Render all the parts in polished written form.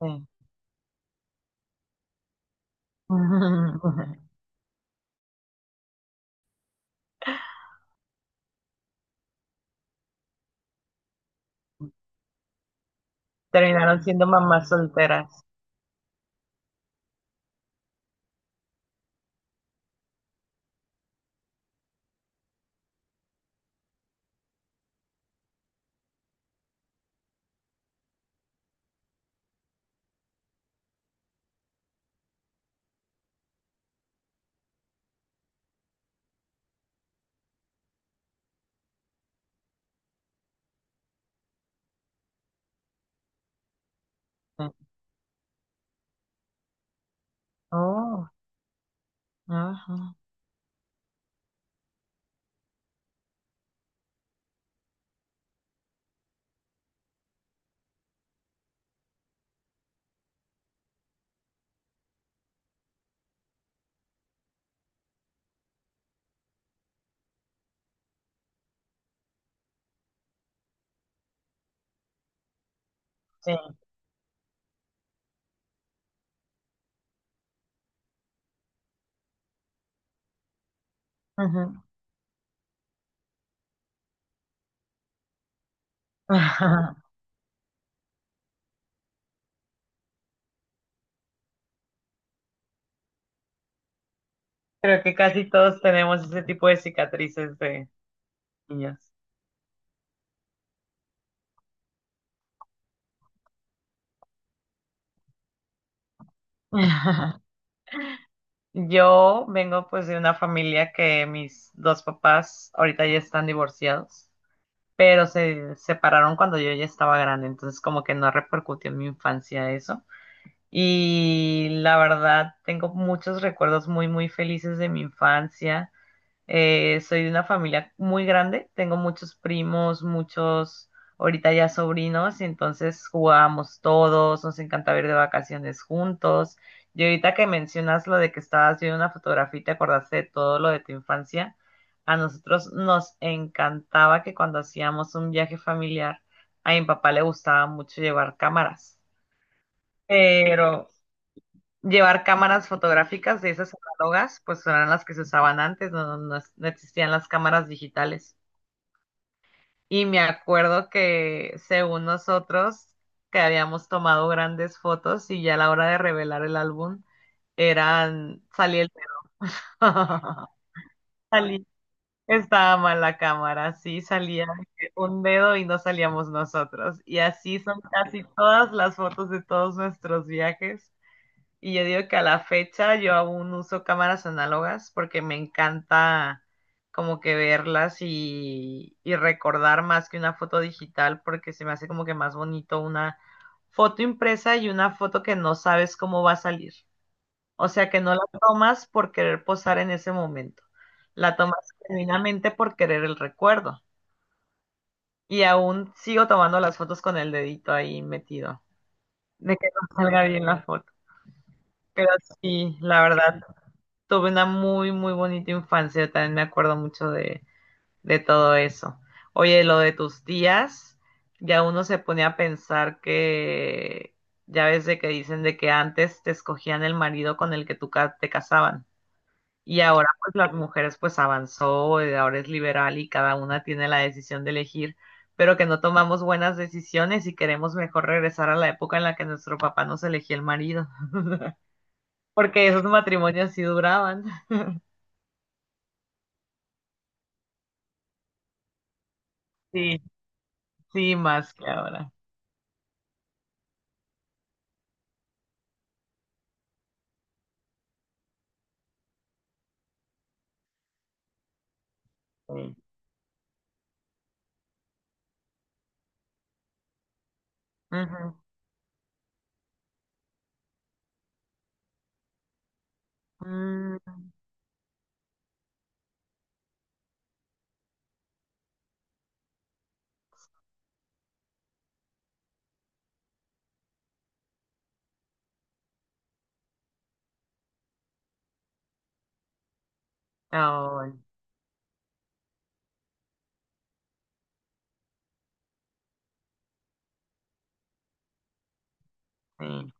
Sí. Terminaron siendo mamás solteras. Sí. Oh, ajá. Sí. Ujú. Creo que casi todos tenemos ese tipo de cicatrices de niños. Yo vengo pues de una familia que mis dos papás ahorita ya están divorciados, pero se separaron cuando yo ya estaba grande, entonces como que no repercutió en mi infancia eso. Y la verdad, tengo muchos recuerdos muy, muy felices de mi infancia. Soy de una familia muy grande, tengo muchos primos, muchos ahorita ya sobrinos, y entonces jugábamos todos, nos encantaba ir de vacaciones juntos. Y ahorita que mencionas lo de que estabas viendo una fotografía y te acordaste de todo lo de tu infancia, a nosotros nos encantaba que cuando hacíamos un viaje familiar, a mi papá le gustaba mucho llevar cámaras, pero llevar cámaras fotográficas de esas análogas, pues eran las que se usaban antes, no, no existían las cámaras digitales. Y me acuerdo que según nosotros, que habíamos tomado grandes fotos y ya a la hora de revelar el álbum, eran, salía el... salí- Estaba mal la cámara, sí, salía un dedo y no salíamos nosotros. Y así son casi todas las fotos de todos nuestros viajes. Y yo digo que a la fecha yo aún uso cámaras análogas porque me encanta como que verlas y recordar más que una foto digital porque se me hace como que más bonito una foto impresa y una foto que no sabes cómo va a salir. O sea que no la tomas por querer posar en ese momento, la tomas genuinamente por querer el recuerdo. Y aún sigo tomando las fotos con el dedito ahí metido, de que no salga bien la foto. Pero sí, la verdad tuve una muy, muy bonita infancia. También me acuerdo mucho de todo eso. Oye, lo de tus tías, ya uno se pone a pensar que, ya ves de que dicen de que antes te escogían el marido con el que te casaban. Y ahora pues las mujeres pues avanzó, ahora es liberal y cada una tiene la decisión de elegir, pero que no tomamos buenas decisiones y queremos mejor regresar a la época en la que nuestro papá nos elegía el marido, porque esos matrimonios sí duraban. Sí, sí, más que ahora. Sí. Ujú. Mm, ahora, sí.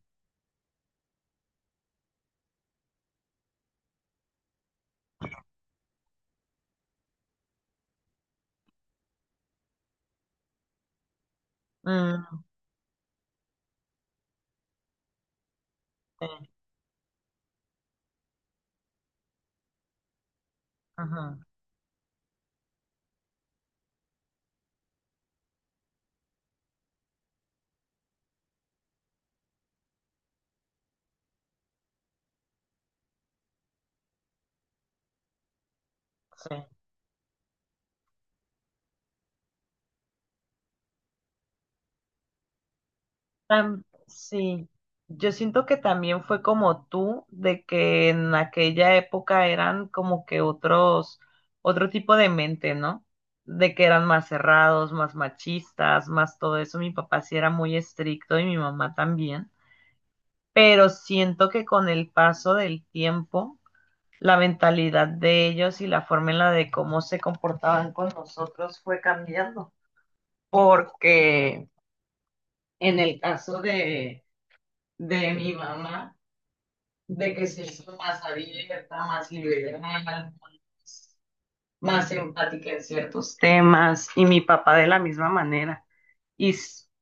Mm, sí. Ujú, sí. Sí. Yo siento que también fue como tú, de que en aquella época eran como que otros, otro tipo de mente, ¿no? De que eran más cerrados, más machistas, más todo eso. Mi papá sí era muy estricto y mi mamá también. Pero siento que con el paso del tiempo la mentalidad de ellos y la forma en la de cómo se comportaban con nosotros fue cambiando. Porque en el caso de mi mamá, de que se hizo más abierta, más liberal, más empática en ciertos temas, y mi papá de la misma manera. Y,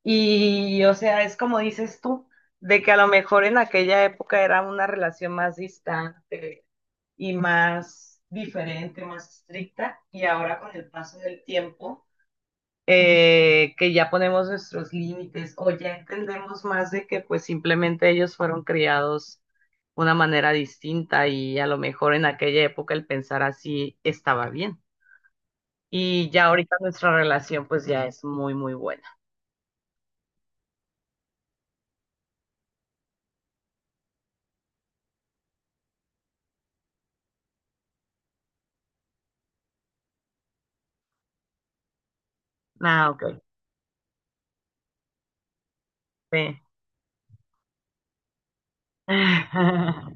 y o sea, es como dices tú, de que a lo mejor en aquella época era una relación más distante, y más diferente, más estricta. Y ahora con el paso del tiempo, que ya ponemos nuestros límites o ya entendemos más de que pues simplemente ellos fueron criados de una manera distinta y a lo mejor en aquella época el pensar así estaba bien. Y ya ahorita nuestra relación pues ya es muy, muy buena. Ah, ok. Sí.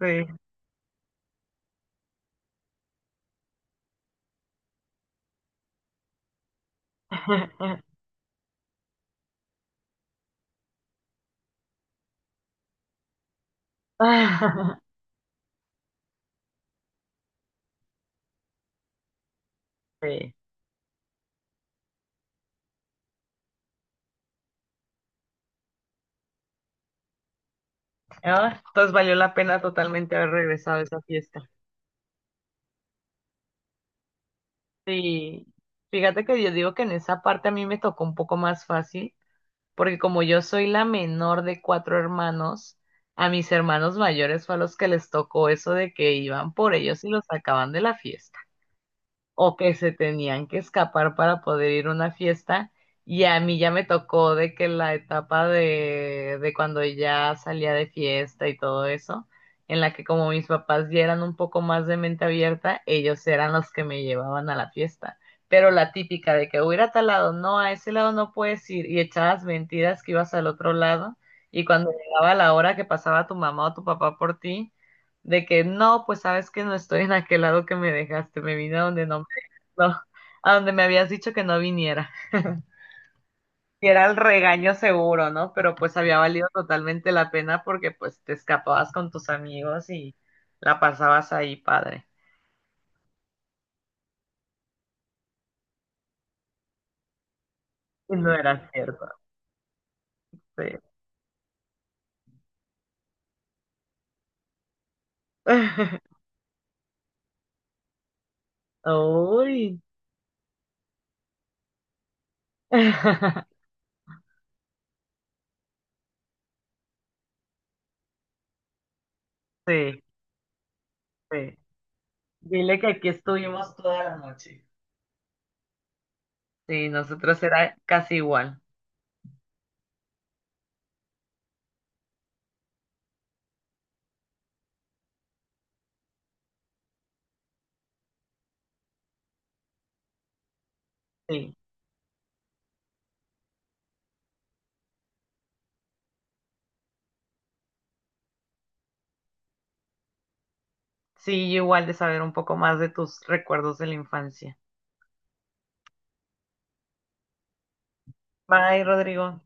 Sí. Sí. Ah, entonces valió la pena totalmente haber regresado a esa fiesta. Sí, fíjate que yo digo que en esa parte a mí me tocó un poco más fácil, porque como yo soy la menor de cuatro hermanos, a mis hermanos mayores fue a los que les tocó eso de que iban por ellos y los sacaban de la fiesta. O que se tenían que escapar para poder ir a una fiesta. Y a mí ya me tocó de que la etapa de cuando ya salía de fiesta y todo eso, en la que como mis papás ya eran un poco más de mente abierta, ellos eran los que me llevaban a la fiesta. Pero la típica de que voy a ir a tal lado, no, a ese lado no puedes ir, y echabas mentiras que ibas al otro lado, y cuando llegaba la hora que pasaba tu mamá o tu papá por ti, de que no, pues sabes que no estoy en aquel lado que me dejaste, me vine a donde no no, a donde me habías dicho que no viniera, que era el regaño seguro, ¿no? Pero pues había valido totalmente la pena porque pues te escapabas con tus amigos y la pasabas ahí, padre. Y no era cierto, sí. Uy. Sí, sí. Dile que aquí estuvimos toda la noche. Sí, nosotros era casi igual. Sí, sí, igual de saber un poco más de tus recuerdos de la infancia. Bye, Rodrigo.